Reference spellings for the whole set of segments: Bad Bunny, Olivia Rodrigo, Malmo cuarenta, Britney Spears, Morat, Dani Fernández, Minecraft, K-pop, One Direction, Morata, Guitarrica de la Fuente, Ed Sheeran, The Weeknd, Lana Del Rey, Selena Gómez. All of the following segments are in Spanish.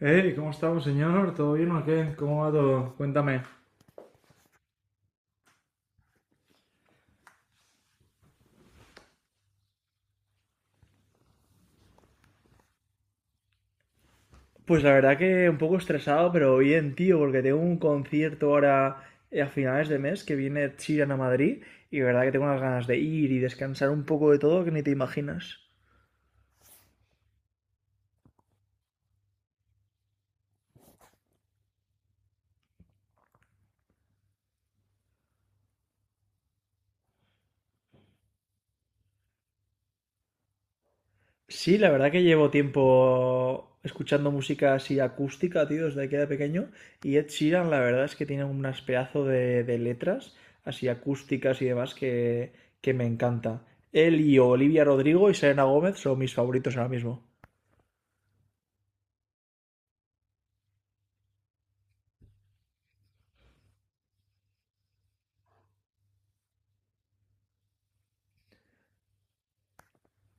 Hey, ¿cómo estamos, señor? ¿Todo bien o qué? ¿Cómo va todo? Cuéntame. Pues la verdad que un poco estresado, pero bien, tío, porque tengo un concierto ahora a finales de mes que viene Chiran a Madrid y la verdad que tengo unas ganas de ir y descansar un poco de todo que ni te imaginas. Sí, la verdad que llevo tiempo escuchando música así acústica, tío, desde que era pequeño. Y Ed Sheeran, la verdad es que tiene unas pedazo de letras así acústicas y demás que me encanta. Él y Olivia Rodrigo y Selena Gómez son mis favoritos ahora mismo.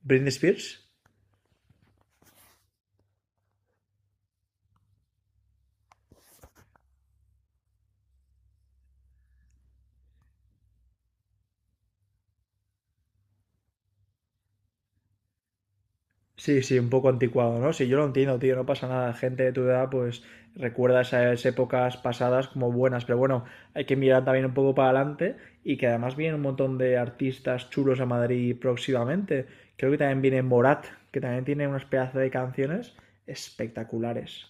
¿Britney Spears? Sí, sí, un poco anticuado, ¿no? Sí, yo lo entiendo, tío, no pasa nada. Gente de tu edad, pues recuerda esas épocas pasadas como buenas, pero bueno, hay que mirar también un poco para adelante y que además vienen un montón de artistas chulos a Madrid próximamente. Creo que también viene Morat, que también tiene unas pedazos de canciones espectaculares.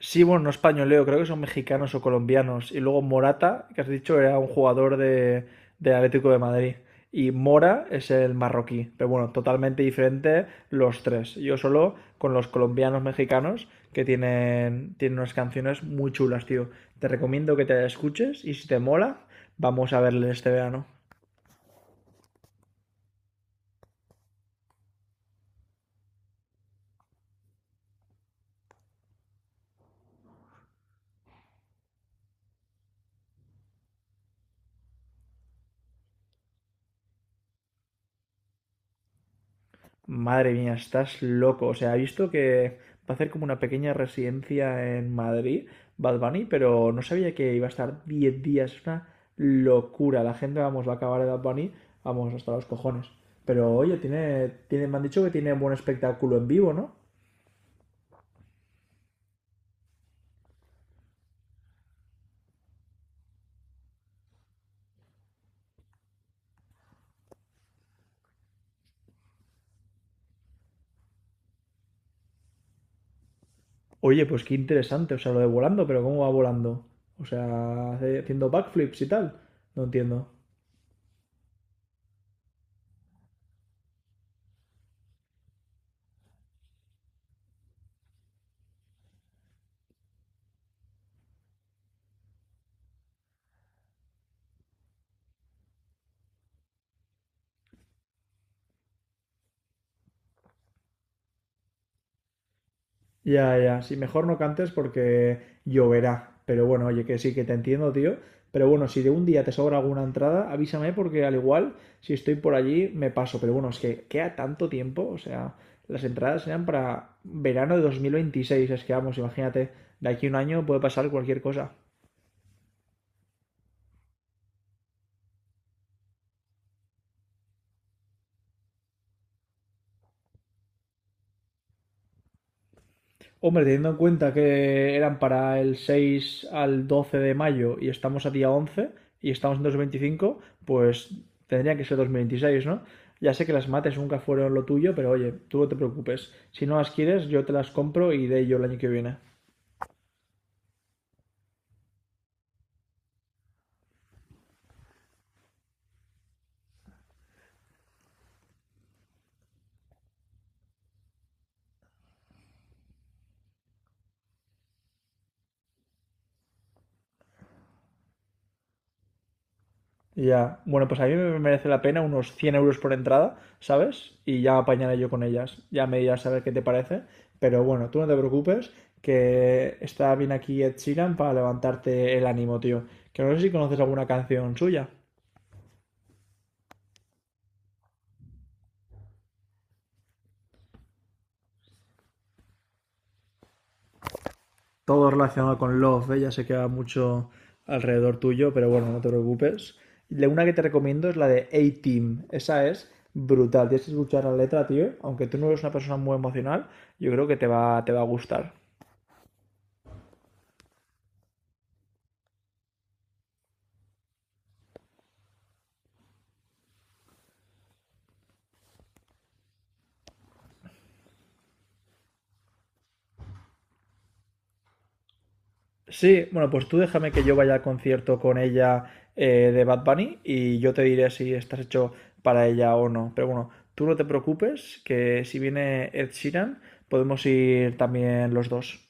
Sí, bueno, no españoleo, creo que son mexicanos o colombianos. Y luego Morata, que has dicho, era un jugador del Atlético de Madrid. Y Mora es el marroquí. Pero bueno, totalmente diferente los tres. Yo solo con los colombianos mexicanos que tienen unas canciones muy chulas, tío. Te recomiendo que te escuches y si te mola, vamos a verle este verano. Madre mía, estás loco. O sea, ha visto que va a hacer como una pequeña residencia en Madrid, Bad Bunny, pero no sabía que iba a estar 10 días. Es una locura. La gente, vamos, va a acabar de Bad Bunny, vamos, hasta los cojones. Pero oye, me han dicho que tiene buen espectáculo en vivo, ¿no? Oye, pues qué interesante. O sea, lo de volando, pero ¿cómo va volando? O sea, haciendo backflips y tal. No entiendo. Ya, ya, sí, mejor no cantes porque lloverá. Pero bueno, oye, que sí, que te entiendo, tío. Pero bueno, si de un día te sobra alguna entrada, avísame porque al igual, si estoy por allí, me paso. Pero bueno, es que queda tanto tiempo, o sea, las entradas eran para verano de 2026, es que vamos, imagínate, de aquí a un año puede pasar cualquier cosa. Hombre, teniendo en cuenta que eran para el 6 al 12 de mayo y estamos a día 11 y estamos en 2025, pues tendría que ser 2026, ¿no? Ya sé que las mates nunca fueron lo tuyo, pero oye, tú no te preocupes. Si no las quieres, yo te las compro y de ello el año que viene. Ya, bueno, pues a mí me merece la pena unos 100 euros por entrada, ¿sabes? Y ya apañaré yo con ellas, ya me dirás a ver qué te parece, pero bueno, tú no te preocupes, que está bien aquí Ed Sheeran para levantarte el ánimo, tío. Que no sé si conoces alguna canción suya. Todo relacionado con Love, ¿eh? Ya sé que va mucho alrededor tuyo, pero bueno, no te preocupes. La una que te recomiendo es la de A-Team, esa es brutal, tienes que escuchar la letra, tío, aunque tú no eres una persona muy emocional, yo creo que te va a gustar. Sí, bueno, pues tú déjame que yo vaya al concierto con ella de Bad Bunny y yo te diré si estás hecho para ella o no. Pero bueno, tú no te preocupes, que si viene Ed Sheeran, podemos ir también los dos.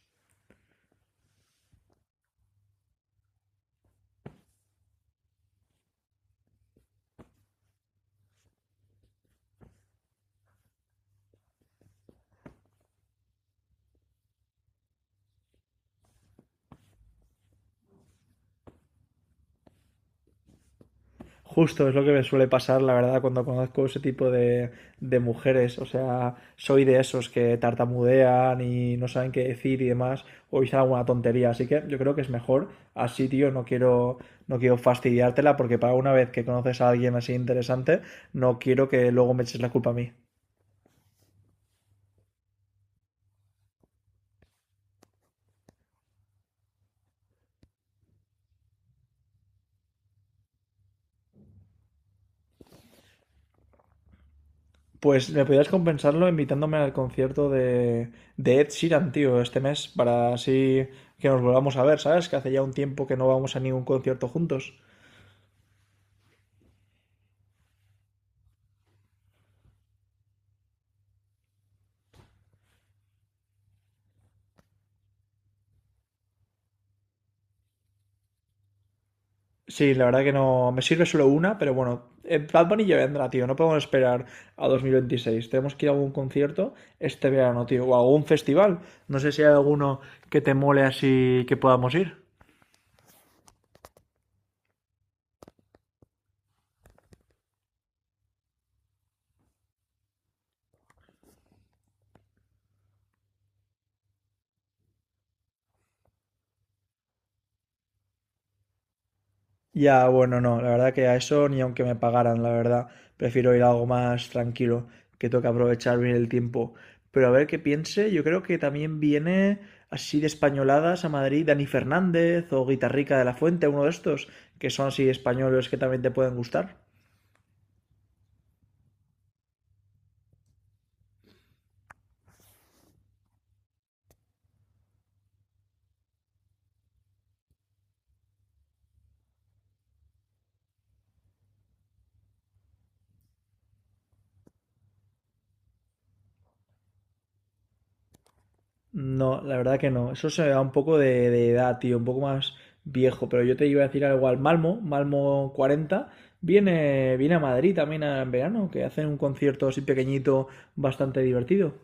Justo es lo que me suele pasar, la verdad, cuando conozco ese tipo de mujeres. O sea, soy de esos que tartamudean y no saben qué decir y demás, o dicen alguna tontería. Así que yo creo que es mejor así, tío. No quiero, no quiero fastidiártela porque para una vez que conoces a alguien así interesante, no quiero que luego me eches la culpa a mí. Pues me podrías compensarlo invitándome al concierto de Ed Sheeran, tío, este mes, para así que nos volvamos a ver, ¿sabes? Que hace ya un tiempo que no vamos a ningún concierto juntos. Sí, la verdad que no. Me sirve solo una, pero bueno. Bad Bunny ya vendrá, tío. No podemos esperar a 2026. Tenemos que ir a algún concierto este verano, tío. O a algún festival. No sé si hay alguno que te mole así que podamos ir. Ya, bueno, no. La verdad que a eso ni aunque me pagaran, la verdad. Prefiero ir a algo más tranquilo, que toca aprovechar bien el tiempo. Pero a ver qué piense. Yo creo que también viene así de españoladas a Madrid Dani Fernández o Guitarrica de la Fuente, uno de estos, que son así españoles que también te pueden gustar. No, la verdad que no. Eso se me da un poco de edad, tío, un poco más viejo. Pero yo te iba a decir algo al Malmo 40. Viene, a Madrid también en verano, que hacen un concierto así pequeñito, bastante divertido.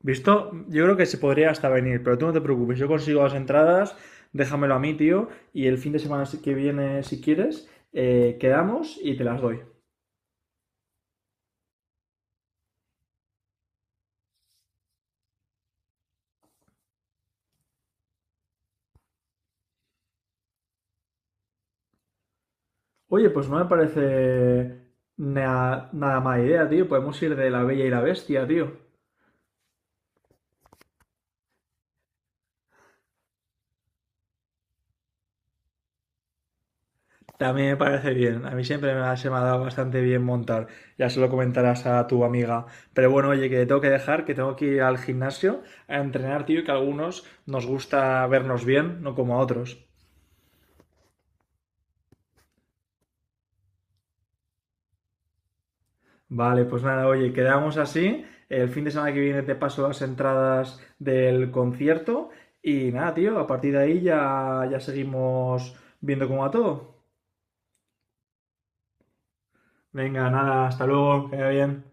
¿Visto? Yo creo que se podría hasta venir, pero tú no te preocupes. Yo consigo las entradas, déjamelo a mí, tío. Y el fin de semana si que viene, si quieres, quedamos y te las doy. Oye, pues no me parece nada mala idea, tío. Podemos ir de La Bella y la Bestia, tío. También me parece bien. A mí siempre se me ha dado bastante bien montar. Ya se lo comentarás a tu amiga. Pero bueno, oye, que te tengo que dejar, que tengo que ir al gimnasio a entrenar, tío, y que a algunos nos gusta vernos bien, no como a otros. Vale, pues nada, oye, quedamos así. El fin de semana que viene te paso las entradas del concierto. Y nada, tío, a partir de ahí ya, ya seguimos viendo cómo va todo. Venga, nada, hasta luego, que vaya bien.